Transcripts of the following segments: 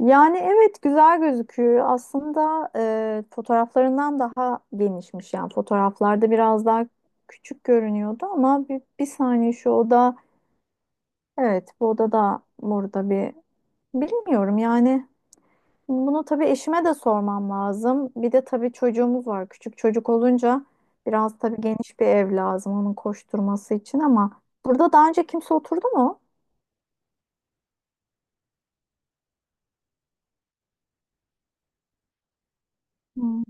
Yani evet, güzel gözüküyor. Aslında fotoğraflarından daha genişmiş. Yani fotoğraflarda biraz daha küçük görünüyordu ama bir saniye şu oda evet, bu oda da burada bir, bilmiyorum yani. Bunu tabii eşime de sormam lazım. Bir de tabii çocuğumuz var. Küçük çocuk olunca biraz tabii geniş bir ev lazım onun koşturması için. Ama burada daha önce kimse oturdu mu? Hmm.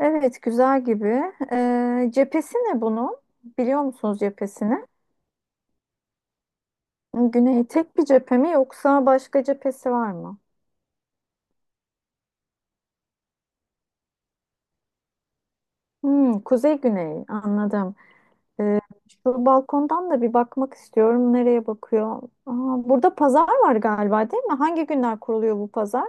Evet, güzel gibi. Cephesi ne bunun? Biliyor musunuz cephesini? Güney tek bir cephe mi yoksa başka cephesi var mı? Hmm, kuzey güney anladım. Ee, Şu balkondan da bir bakmak istiyorum. Nereye bakıyor? Aa, burada pazar var galiba, değil mi? Hangi günler kuruluyor bu pazar?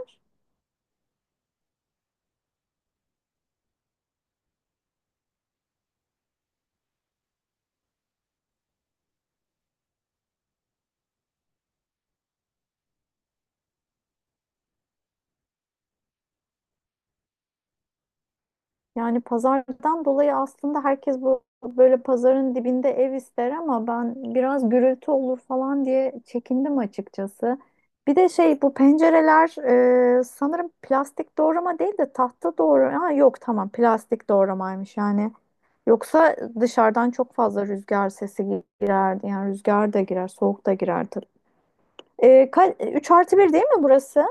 Yani pazardan dolayı aslında herkes bu böyle pazarın dibinde ev ister ama ben biraz gürültü olur falan diye çekindim açıkçası. Bir de şey, bu pencereler sanırım plastik doğrama değil de tahta doğrama. Ha, yok tamam, plastik doğramaymış yani. Yoksa dışarıdan çok fazla rüzgar sesi girerdi. Yani rüzgar da girer, soğuk da girer tabii. 3 artı bir değil mi burası?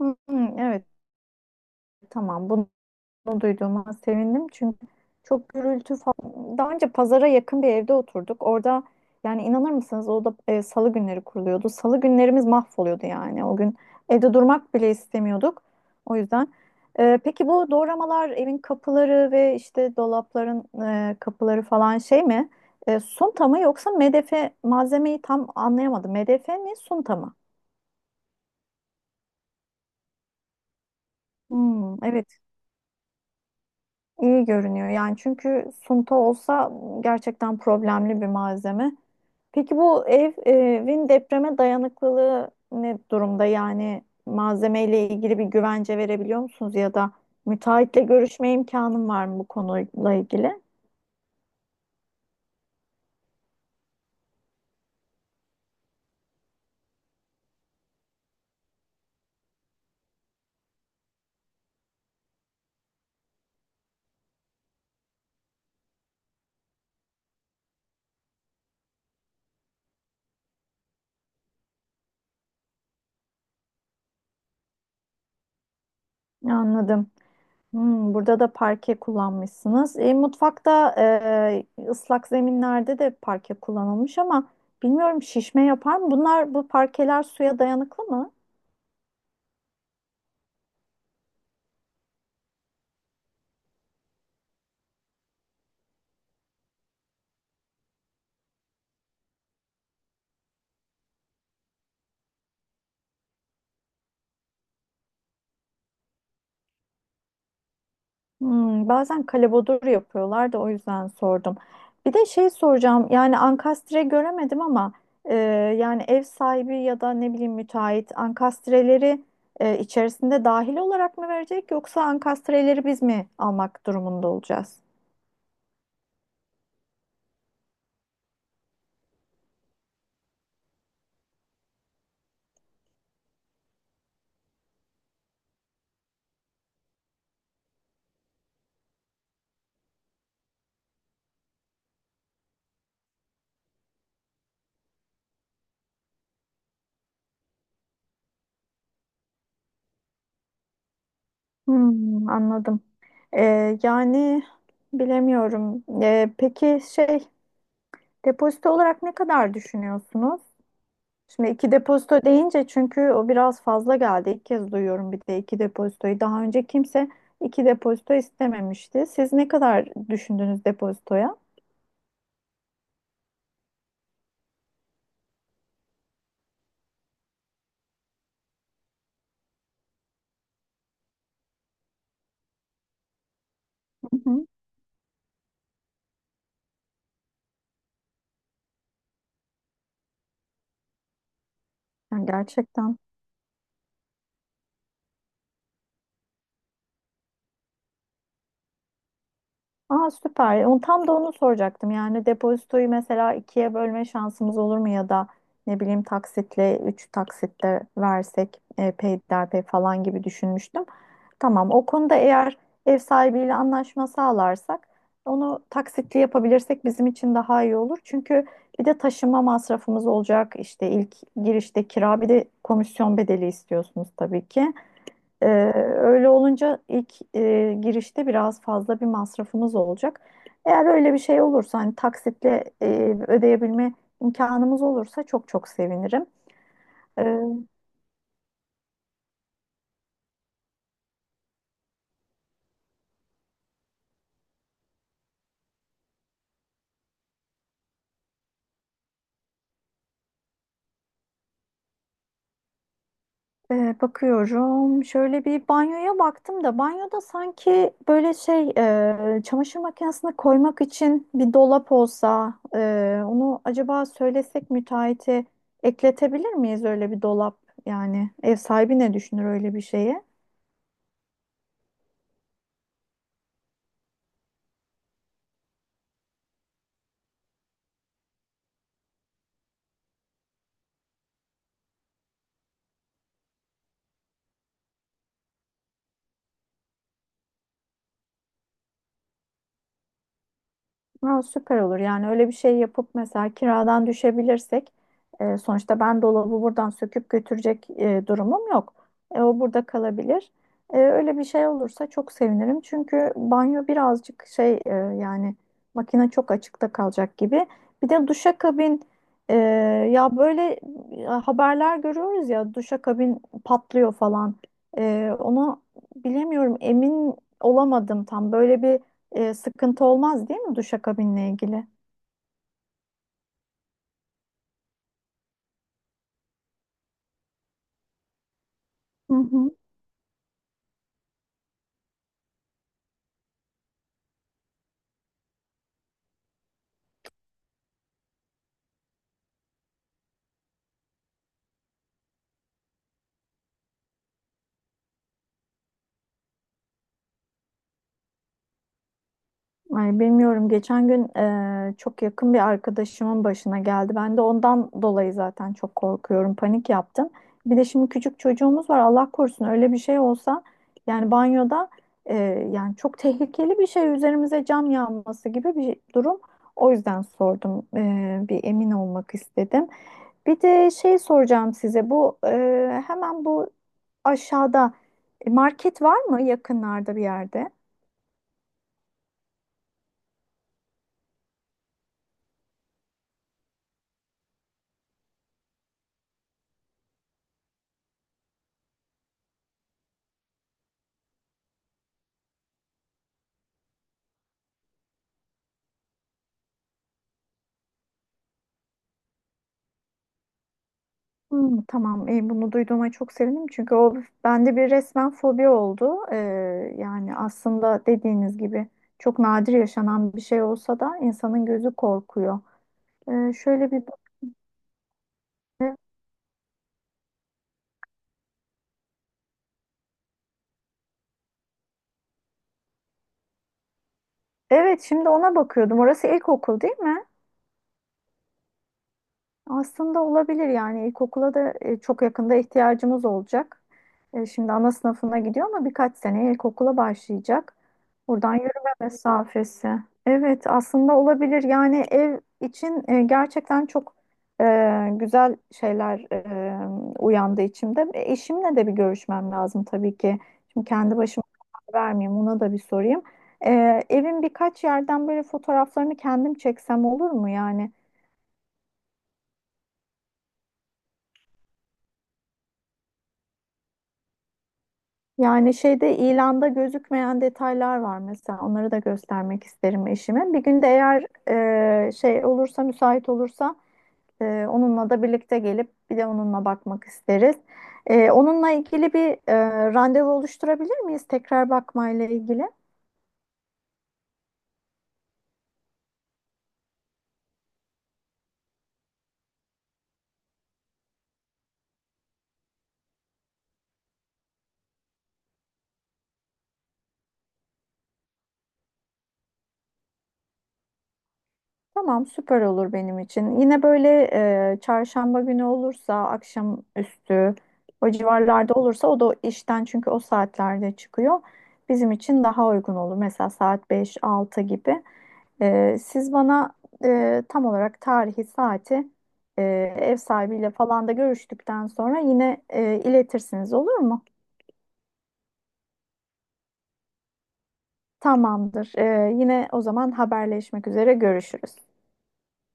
Hmm, evet, tamam. Bunu duyduğuma sevindim çünkü çok gürültü falan. Daha önce pazara yakın bir evde oturduk. Orada, yani inanır mısınız, o da salı günleri kuruluyordu. Salı günlerimiz mahvoluyordu yani. O gün evde durmak bile istemiyorduk. O yüzden. Peki bu doğramalar, evin kapıları ve işte dolapların kapıları falan şey mi? Sunta mı yoksa MDF, malzemeyi tam anlayamadım. MDF mi sunta mı? Hmm, evet. İyi görünüyor yani, çünkü sunta olsa gerçekten problemli bir malzeme. Peki bu ev, evin depreme dayanıklılığı ne durumda? Yani malzemeyle ilgili bir güvence verebiliyor musunuz ya da müteahhitle görüşme imkanım var mı bu konuyla ilgili? Anladım. Hmm, burada da parke kullanmışsınız. Mutfakta, ıslak zeminlerde de parke kullanılmış ama bilmiyorum, şişme yapar mı? Bunlar, bu parkeler suya dayanıklı mı? Hmm, bazen kalebodur yapıyorlar da o yüzden sordum. Bir de şey soracağım, yani ankastre göremedim ama e, yani ev sahibi ya da ne bileyim, müteahhit ankastreleri içerisinde dahil olarak mı verecek yoksa ankastreleri biz mi almak durumunda olacağız? Hmm, anladım. Yani bilemiyorum. Peki şey, depozito olarak ne kadar düşünüyorsunuz? Şimdi iki depozito deyince, çünkü o biraz fazla geldi. İlk kez duyuyorum bir de iki depozitoyu. Daha önce kimse iki depozito istememişti. Siz ne kadar düşündünüz depozitoya? Hı hı. Yani gerçekten. Aa, süper. Onu, tam da onu soracaktım. Yani depozitoyu mesela ikiye bölme şansımız olur mu, ya da ne bileyim taksitle, üç taksitle versek peyderpey falan gibi düşünmüştüm. Tamam. O konuda eğer ev sahibiyle anlaşma sağlarsak, onu taksitli yapabilirsek bizim için daha iyi olur. Çünkü bir de taşınma masrafımız olacak. İşte ilk girişte kira, bir de komisyon bedeli istiyorsunuz tabii ki. Ee, öyle olunca ilk girişte biraz fazla bir masrafımız olacak. Eğer öyle bir şey olursa, hani taksitle ödeyebilme imkanımız olursa çok çok sevinirim. Ee, bakıyorum. Şöyle bir banyoya baktım da, banyoda sanki böyle şey, çamaşır makinesine koymak için bir dolap olsa, onu acaba söylesek müteahhite ekletebilir miyiz öyle bir dolap? Yani ev sahibi ne düşünür öyle bir şeye? Ha, süper olur. Yani öyle bir şey yapıp mesela kiradan düşebilirsek, sonuçta ben dolabı buradan söküp götürecek durumum yok. O burada kalabilir. Öyle bir şey olursa çok sevinirim. Çünkü banyo birazcık şey, yani makine çok açıkta kalacak gibi. Bir de duşakabin, e, ya böyle haberler görüyoruz ya, duşakabin patlıyor falan. Onu bilemiyorum, emin olamadım tam. Böyle bir sıkıntı olmaz değil mi duşakabinle ilgili? Hı hı. Ay, bilmiyorum. Geçen gün çok yakın bir arkadaşımın başına geldi. Ben de ondan dolayı zaten çok korkuyorum. Panik yaptım. Bir de şimdi küçük çocuğumuz var. Allah korusun öyle bir şey olsa, yani banyoda yani çok tehlikeli bir şey, üzerimize cam yağması gibi bir durum. O yüzden sordum. Bir emin olmak istedim. Bir de şey soracağım size. Bu hemen bu aşağıda market var mı yakınlarda bir yerde? Hmm, tamam, bunu duyduğuma çok sevindim çünkü o bende bir resmen fobi oldu. Yani aslında dediğiniz gibi çok nadir yaşanan bir şey olsa da insanın gözü korkuyor. Şöyle bir Evet, şimdi ona bakıyordum. Orası ilkokul değil mi? Aslında olabilir yani, ilkokula da çok yakında ihtiyacımız olacak. Şimdi ana sınıfına gidiyor ama birkaç seneye ilkokula başlayacak. Buradan yürüme mesafesi. Evet, aslında olabilir yani, ev için gerçekten çok güzel şeyler uyandı içimde. Eşimle de bir görüşmem lazım tabii ki. Şimdi kendi başıma karar vermeyeyim, ona da bir sorayım. Evin birkaç yerden böyle fotoğraflarını kendim çeksem olur mu yani? Yani şeyde, ilanda gözükmeyen detaylar var mesela. Onları da göstermek isterim eşime. Bir gün de eğer şey olursa, müsait olursa onunla da birlikte gelip bir de onunla bakmak isteriz. Onunla ilgili bir randevu oluşturabilir miyiz? Tekrar bakmayla ilgili. Tamam, süper olur benim için. Yine böyle çarşamba günü olursa, akşam üstü o civarlarda olursa, o da işten çünkü o saatlerde çıkıyor. Bizim için daha uygun olur. Mesela saat beş altı gibi. Siz bana tam olarak tarihi, saati e, ev sahibiyle falan da görüştükten sonra yine iletirsiniz, olur mu? Tamamdır. Yine o zaman haberleşmek üzere, görüşürüz.